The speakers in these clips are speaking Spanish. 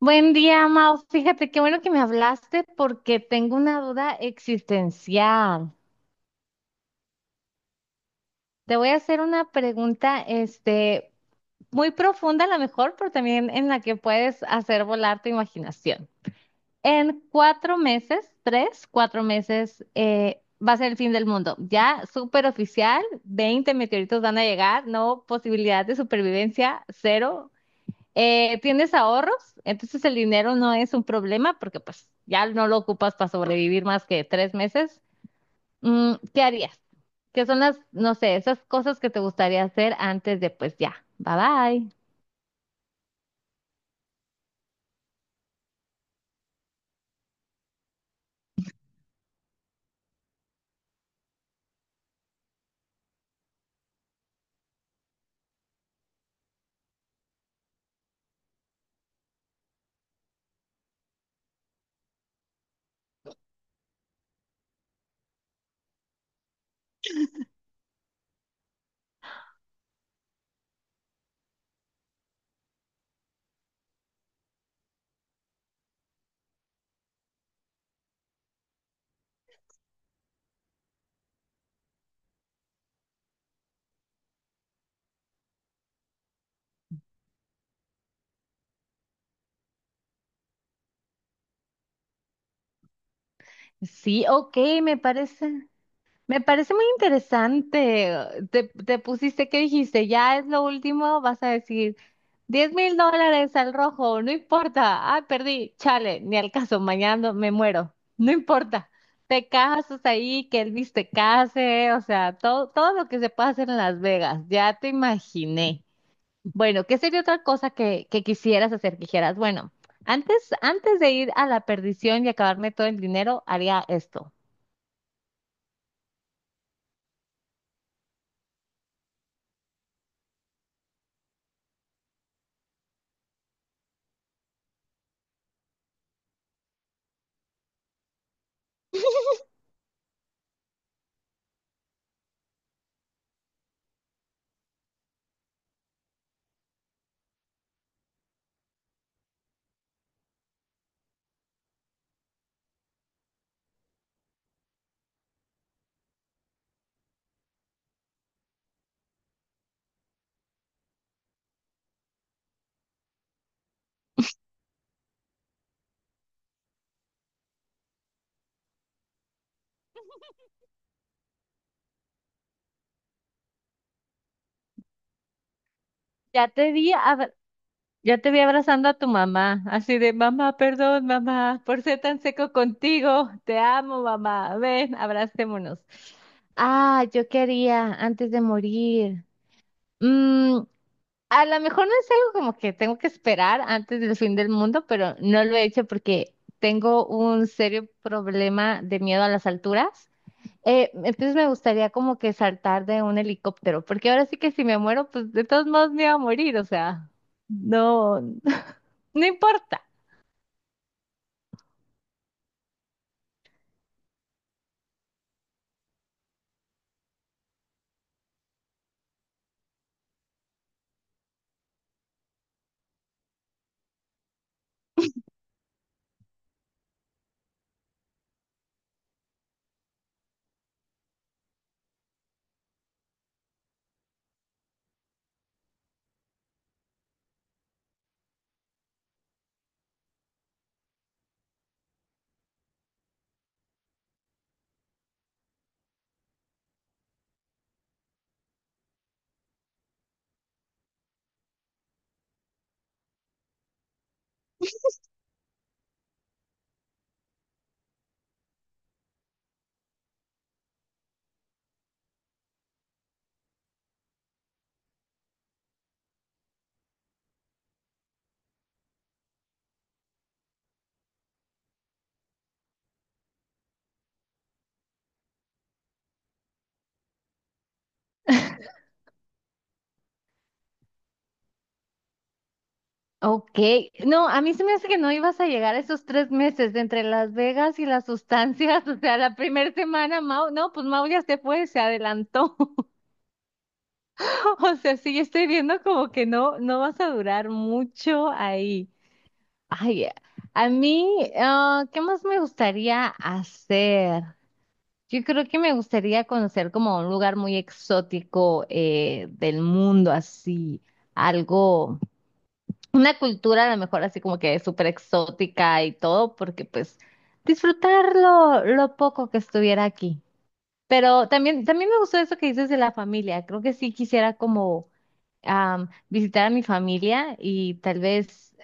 Buen día, Mau. Fíjate qué bueno que me hablaste porque tengo una duda existencial. Te voy a hacer una pregunta, muy profunda a lo mejor, pero también en la que puedes hacer volar tu imaginación. En 4 meses, 3, 4 meses, va a ser el fin del mundo. Ya súper oficial. 20 meteoritos van a llegar, no posibilidad de supervivencia, cero. Tienes ahorros, entonces el dinero no es un problema porque pues ya no lo ocupas para sobrevivir más que 3 meses. ¿Qué harías? ¿Qué son las, no sé, esas cosas que te gustaría hacer antes de pues ya, bye bye? Sí, ok, me parece. Me parece muy interesante. Te pusiste, ¿qué dijiste? Ya es lo último, vas a decir $10,000 al rojo, no importa. Ah, perdí, chale, ni al caso, mañana no- me muero, no importa. Te casas ahí, que Elvis te case, o sea, todo, todo lo que se puede hacer en Las Vegas, ya te imaginé. Bueno, ¿qué sería otra cosa que quisieras hacer? Que dijeras, bueno, antes de ir a la perdición y acabarme todo el dinero, haría esto. Ya te di a, Ya te vi abrazando a tu mamá, así de mamá, perdón, mamá, por ser tan seco contigo. Te amo, mamá. Ven, abracémonos. Ah, yo quería antes de morir. Mm, a lo mejor no es algo como que tengo que esperar antes del fin del mundo, pero no lo he hecho porque tengo un serio problema de miedo a las alturas. Entonces me gustaría como que saltar de un helicóptero, porque ahora sí que si me muero, pues de todos modos me iba a morir, o sea, no. No importa. Ok, no, a mí se me hace que no ibas a llegar a esos 3 meses de entre Las Vegas y las sustancias, o sea, la primera semana, Mau, no, pues Mau ya se fue, se adelantó, o sea, sí, yo estoy viendo como que no, no vas a durar mucho ahí. Ay, a mí, ¿qué más me gustaría hacer? Yo creo que me gustaría conocer como un lugar muy exótico del mundo, así, algo, una cultura a lo mejor así como que súper exótica y todo, porque pues disfrutar lo poco que estuviera aquí. Pero también me gustó eso que dices de la familia. Creo que sí quisiera como visitar a mi familia y tal vez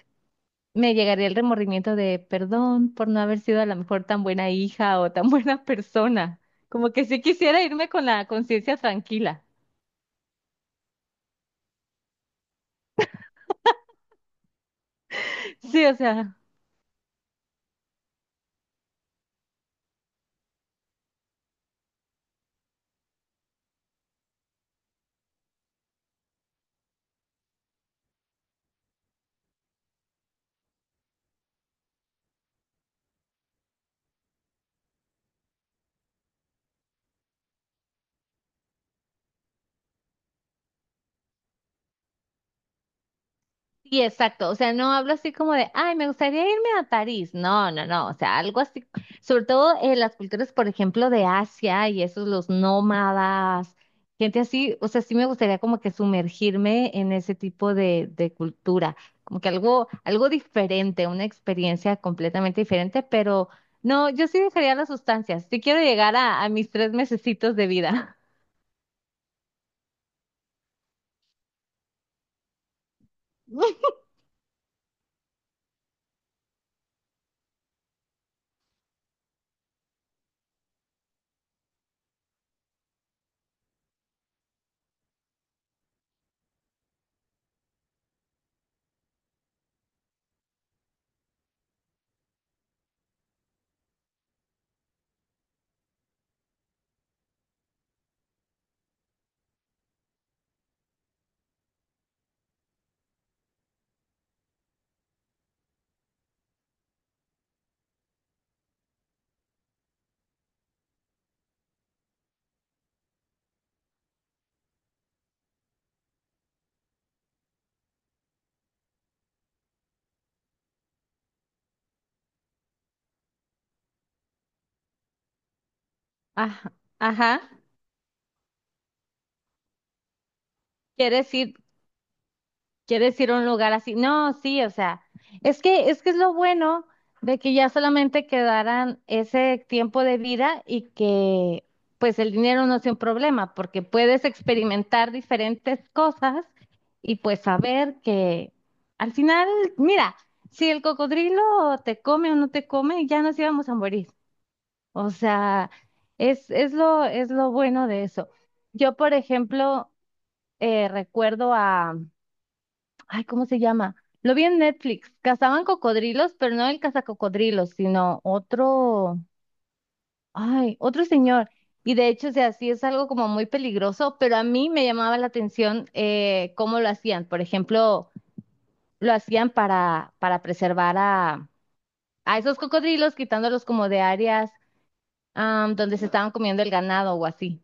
me llegaría el remordimiento de perdón por no haber sido a lo mejor tan buena hija o tan buena persona. Como que sí quisiera irme con la conciencia tranquila. Sí, o sea. Sí, exacto. O sea, no hablo así como de, ay, me gustaría irme a París. No, no, no. O sea, algo así. Sobre todo en las culturas, por ejemplo, de Asia y esos, los nómadas, gente así. O sea, sí me gustaría como que sumergirme en ese tipo de cultura. Como que algo, algo diferente, una experiencia completamente diferente. Pero no, yo sí dejaría las sustancias. Sí quiero llegar a mis 3 mesecitos de vida. Ajá. Ajá. ¿Quieres ir? Quieres ir a un lugar así. No, sí, o sea, es que es lo bueno de que ya solamente quedaran ese tiempo de vida y que pues el dinero no sea un problema, porque puedes experimentar diferentes cosas y pues saber que al final, mira, si el cocodrilo te come o no te come, ya nos íbamos a morir. O sea, es lo bueno de eso. Yo, por ejemplo, recuerdo a Ay, ¿cómo se llama? Lo vi en Netflix. Cazaban cocodrilos, pero no el cazacocodrilos, sino otro, ay, otro señor. Y de hecho, o sea, sí es algo como muy peligroso, pero a mí me llamaba la atención cómo lo hacían. Por ejemplo, lo hacían para preservar a esos cocodrilos, quitándolos como de áreas donde se estaban comiendo el ganado o así.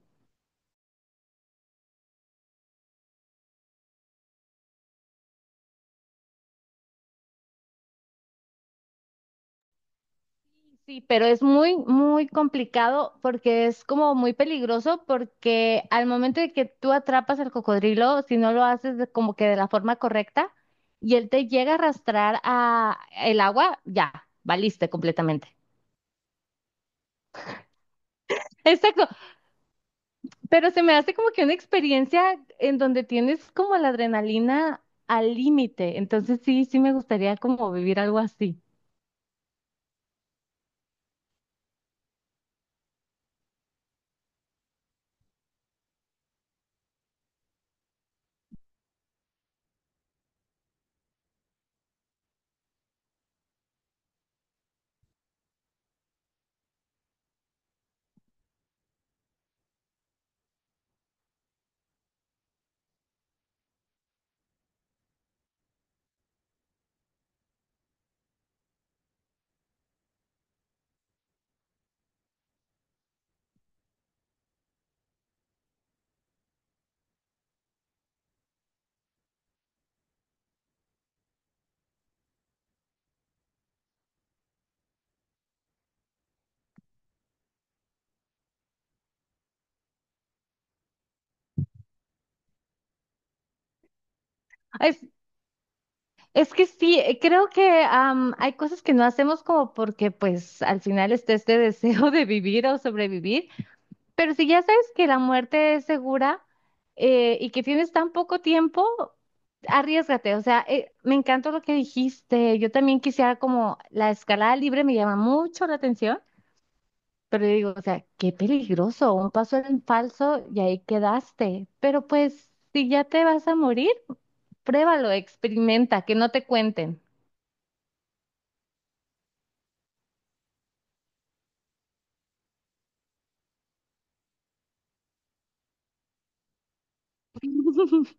Sí, pero es muy, muy complicado porque es como muy peligroso porque al momento de que tú atrapas al cocodrilo, si no lo haces como que de la forma correcta y él te llega a arrastrar a el agua, ya, valiste completamente. Exacto, pero se me hace como que una experiencia en donde tienes como la adrenalina al límite, entonces sí, sí me gustaría como vivir algo así. Es que sí, creo que hay cosas que no hacemos como porque pues al final está este deseo de vivir o sobrevivir, pero si ya sabes que la muerte es segura y que tienes tan poco tiempo, arriésgate, o sea, me encantó lo que dijiste, yo también quisiera como la escalada libre me llama mucho la atención, pero yo digo, o sea, qué peligroso, un paso en falso y ahí quedaste, pero pues si ya te vas a morir, pruébalo, experimenta, que no te cuenten.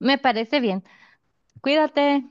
Me parece bien. Cuídate.